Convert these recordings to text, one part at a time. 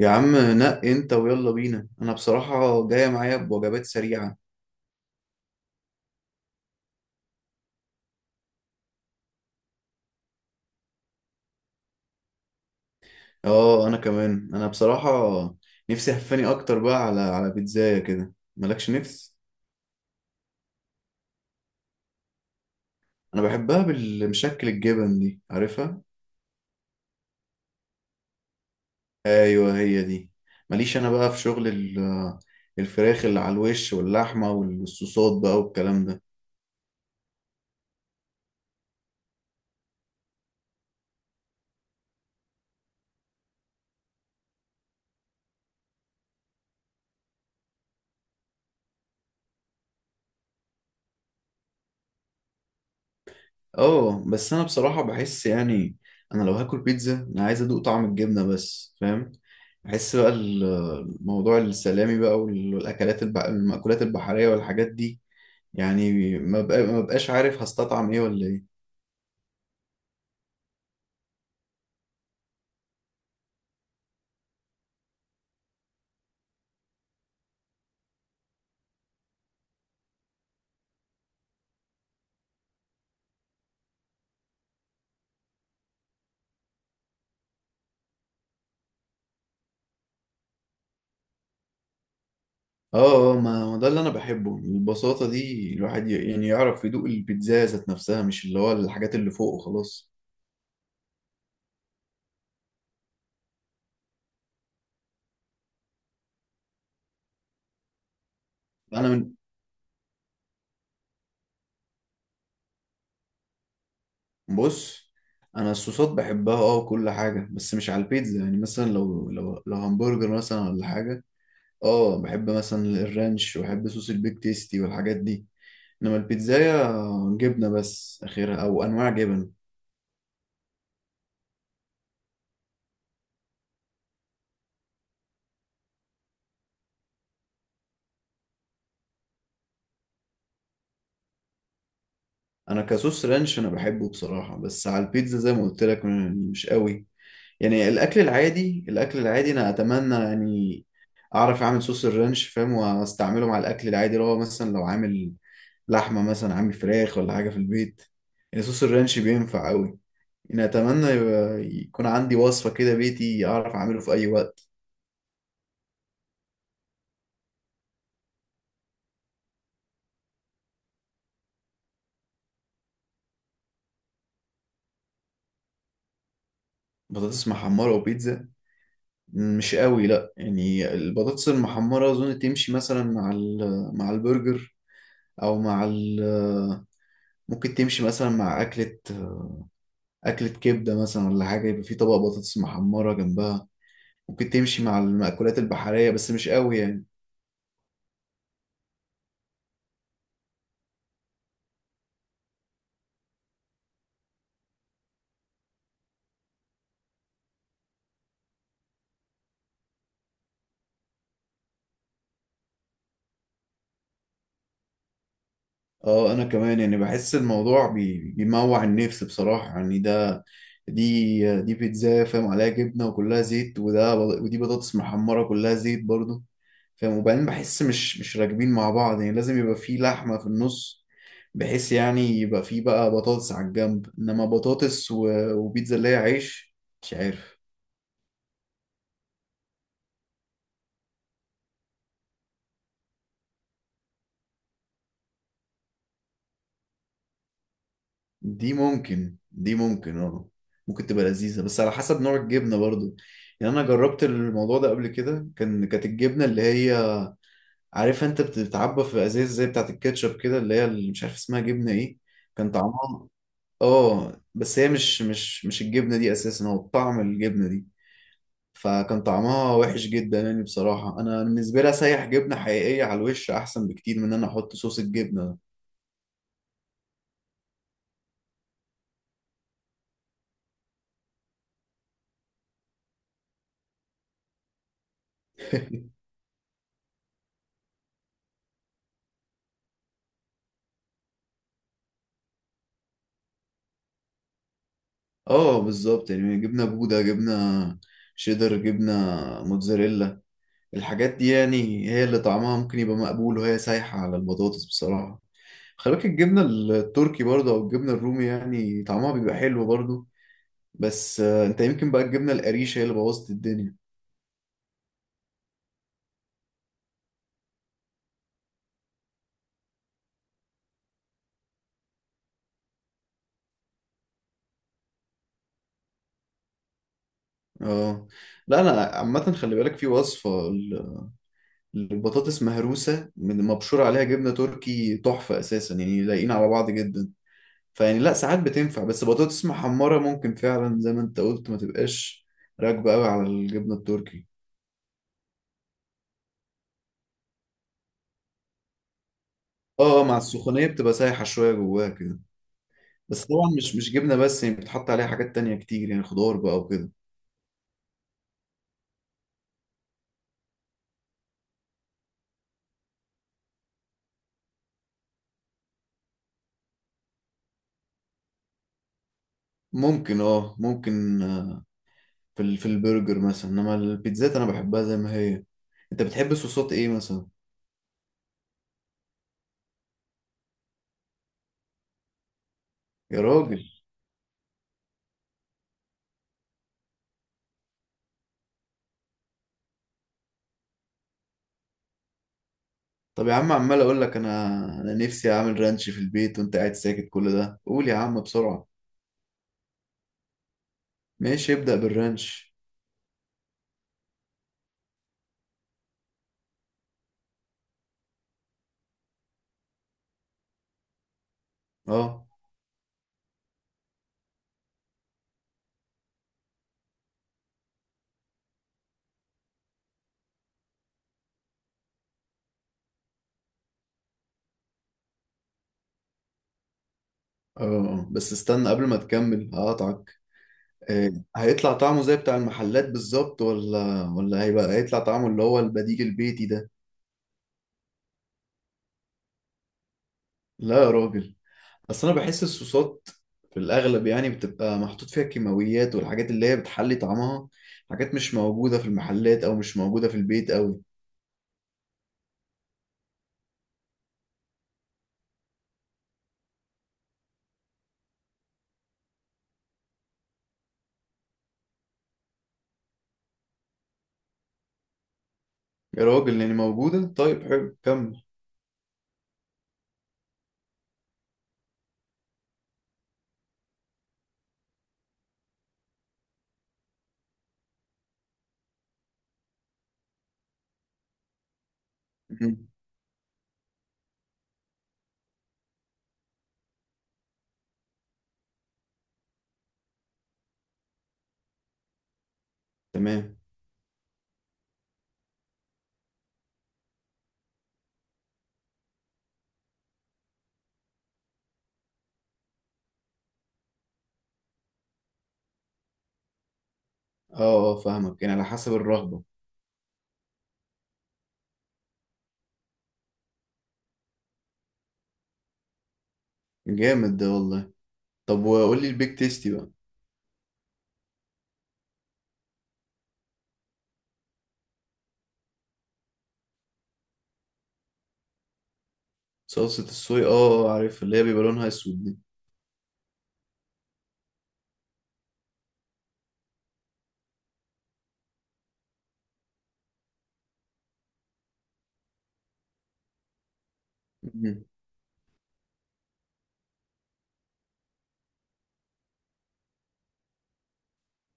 يا عم نق انت ويلا بينا، انا بصراحة جاية معايا بوجبات سريعة. اه انا كمان، انا بصراحة نفسي هفاني اكتر بقى على بيتزاية كده، مالكش نفس؟ انا بحبها بالمشكل الجبن دي، عارفها. ايوه هي دي. ماليش انا بقى في شغل الفراخ اللي على الوش واللحمة والصوصات بقى والكلام ده. اه بس انا بصراحة بحس، يعني انا لو هاكل بيتزا انا عايز ادوق طعم الجبنة بس، فاهم؟ بحس بقى موضوع السلامي بقى والاكلات المأكولات البحرية والحاجات دي، يعني ما بقاش عارف هستطعم ايه ولا ايه. اه اه، ما ده اللي انا بحبه، البساطة دي الواحد يعني يعرف يدوق البيتزا ذات نفسها، مش اللي هو الحاجات اللي فوق وخلاص. انا من. بص، انا الصوصات بحبها اه وكل حاجة، بس مش على البيتزا. يعني مثلا لو لو همبرجر مثلا ولا حاجة، اه بحب مثلا الرانش، وبحب صوص البيك تيستي والحاجات دي. انما البيتزاية جبنة بس اخرها، او انواع جبن. انا كصوص رانش انا بحبه بصراحة، بس على البيتزا زي ما قلت لك مش قوي. يعني الاكل العادي، الاكل العادي انا اتمنى، يعني اعرف اعمل صوص الرانش فاهم، واستعمله مع الاكل العادي اللي هو مثلا لو عامل لحمة مثلا، عامل فراخ ولا حاجة في البيت، يعني صوص الرانش بينفع قوي. يعني اتمنى يكون عندي وصفة كده بيتي اعرف اعمله في اي وقت. بطاطس محمرة وبيتزا؟ مش قوي، لا. يعني البطاطس المحمرة أظن تمشي مثلا مع مع البرجر، أو مع ممكن تمشي مثلا مع أكلة، أكلة كبدة مثلا ولا حاجة، يبقى في طبق بطاطس محمرة جنبها. ممكن تمشي مع المأكولات البحرية بس مش قوي يعني. اه انا كمان يعني بحس الموضوع بيموع النفس بصراحة، يعني ده، دي بيتزا فاهم عليها جبنة وكلها زيت، ودي بطاطس محمرة كلها زيت برضو فاهم، وبعدين بحس مش راكبين مع بعض. يعني لازم يبقى في لحمة في النص، بحيث يعني يبقى في بقى بطاطس على الجنب، انما بطاطس وبيتزا اللي هي عيش، مش عارف. دي ممكن، دي ممكن اه، ممكن تبقى لذيذة بس على حسب نوع الجبنة برضو. يعني انا جربت الموضوع ده قبل كده، كان كانت الجبنة اللي هي، عارف انت بتتعبى في ازاز زي بتاعت الكاتشب كده، اللي هي اللي مش عارف اسمها جبنة ايه. كان طعمها، اه بس هي مش الجبنة دي اساسا، هو طعم الجبنة دي، فكان طعمها وحش جدا. يعني بصراحة أنا بالنسبة لي أسيح جبنة حقيقية على الوش أحسن بكتير من إن أنا أحط صوص الجبنة. اه بالظبط، يعني جبنة بودة، جبنة شيدر، جبنة موتزاريلا، الحاجات دي يعني هي اللي طعمها ممكن يبقى مقبول وهي سايحة على البطاطس بصراحة. خلي بالك الجبنة التركي برضه، أو الجبنة الرومي، يعني طعمها بيبقى حلو برضه. بس أنت يمكن بقى الجبنة القريشة هي اللي بوظت الدنيا. اه لا، أنا عامة خلي بالك في وصفة البطاطس مهروسة من مبشور عليها جبنة تركي، تحفة أساسا، يعني لايقين على بعض جدا. فيعني لا، ساعات بتنفع. بس بطاطس محمرة ممكن فعلا زي ما أنت قلت ما تبقاش راكبة قوي على الجبنة التركي. اه مع السخونية بتبقى سايحة شوية جواها كده. بس طبعا مش جبنة بس يعني، بتحط عليها حاجات تانية كتير، يعني خضار بقى وكده. ممكن اه، ممكن، في في البرجر مثلا، انما البيتزات انا بحبها زي ما هي. انت بتحب صوصات ايه مثلا؟ يا راجل، طب يا عم عمال اقول لك، انا انا نفسي اعمل رانش في البيت، وانت قاعد ساكت كل ده؟ قول يا عم بسرعة. ماشي، ابدأ بالرانش. اه اه. بس استنى قبل ما تكمل هقطعك. آه. هيطلع طعمه زي بتاع المحلات بالظبط، ولا هيبقى، هيطلع طعمه اللي هو البديل البيتي ده؟ لا يا راجل، اصل انا بحس الصوصات في الاغلب يعني بتبقى محطوط فيها كيماويات، والحاجات اللي هي بتحلي طعمها، حاجات مش موجودة في المحلات، او مش موجودة في البيت قوي. يا راجل، يعني موجودة، طيب حلو كمل. تمام. اه اه فاهمك، يعني على حسب الرغبة. جامد ده والله. طب وقول لي البيك تيستي بقى. صلصة الصويا، اه اه، عارف اللي هي بيبقى لونها اسود دي. مم.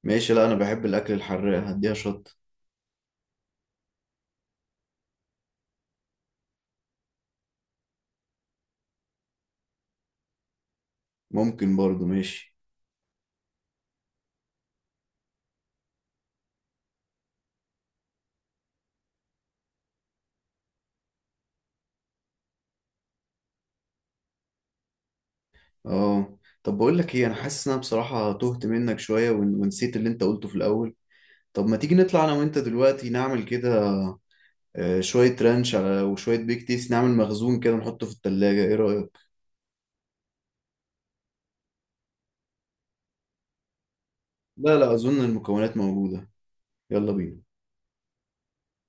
ماشي، لا انا بحب الاكل الحراق، هديها شط. ممكن برضو، ماشي. اه طب بقول لك ايه، انا حاسس ان انا بصراحة تهت منك شوية، ونسيت اللي انت قلته في الاول. طب ما تيجي نطلع انا وانت دلوقتي نعمل كده، شوية رانش على وشوية بيك تيست، نعمل مخزون كده نحطه في التلاجة، ايه رأيك؟ لا لا، اظن المكونات موجودة. يلا بينا.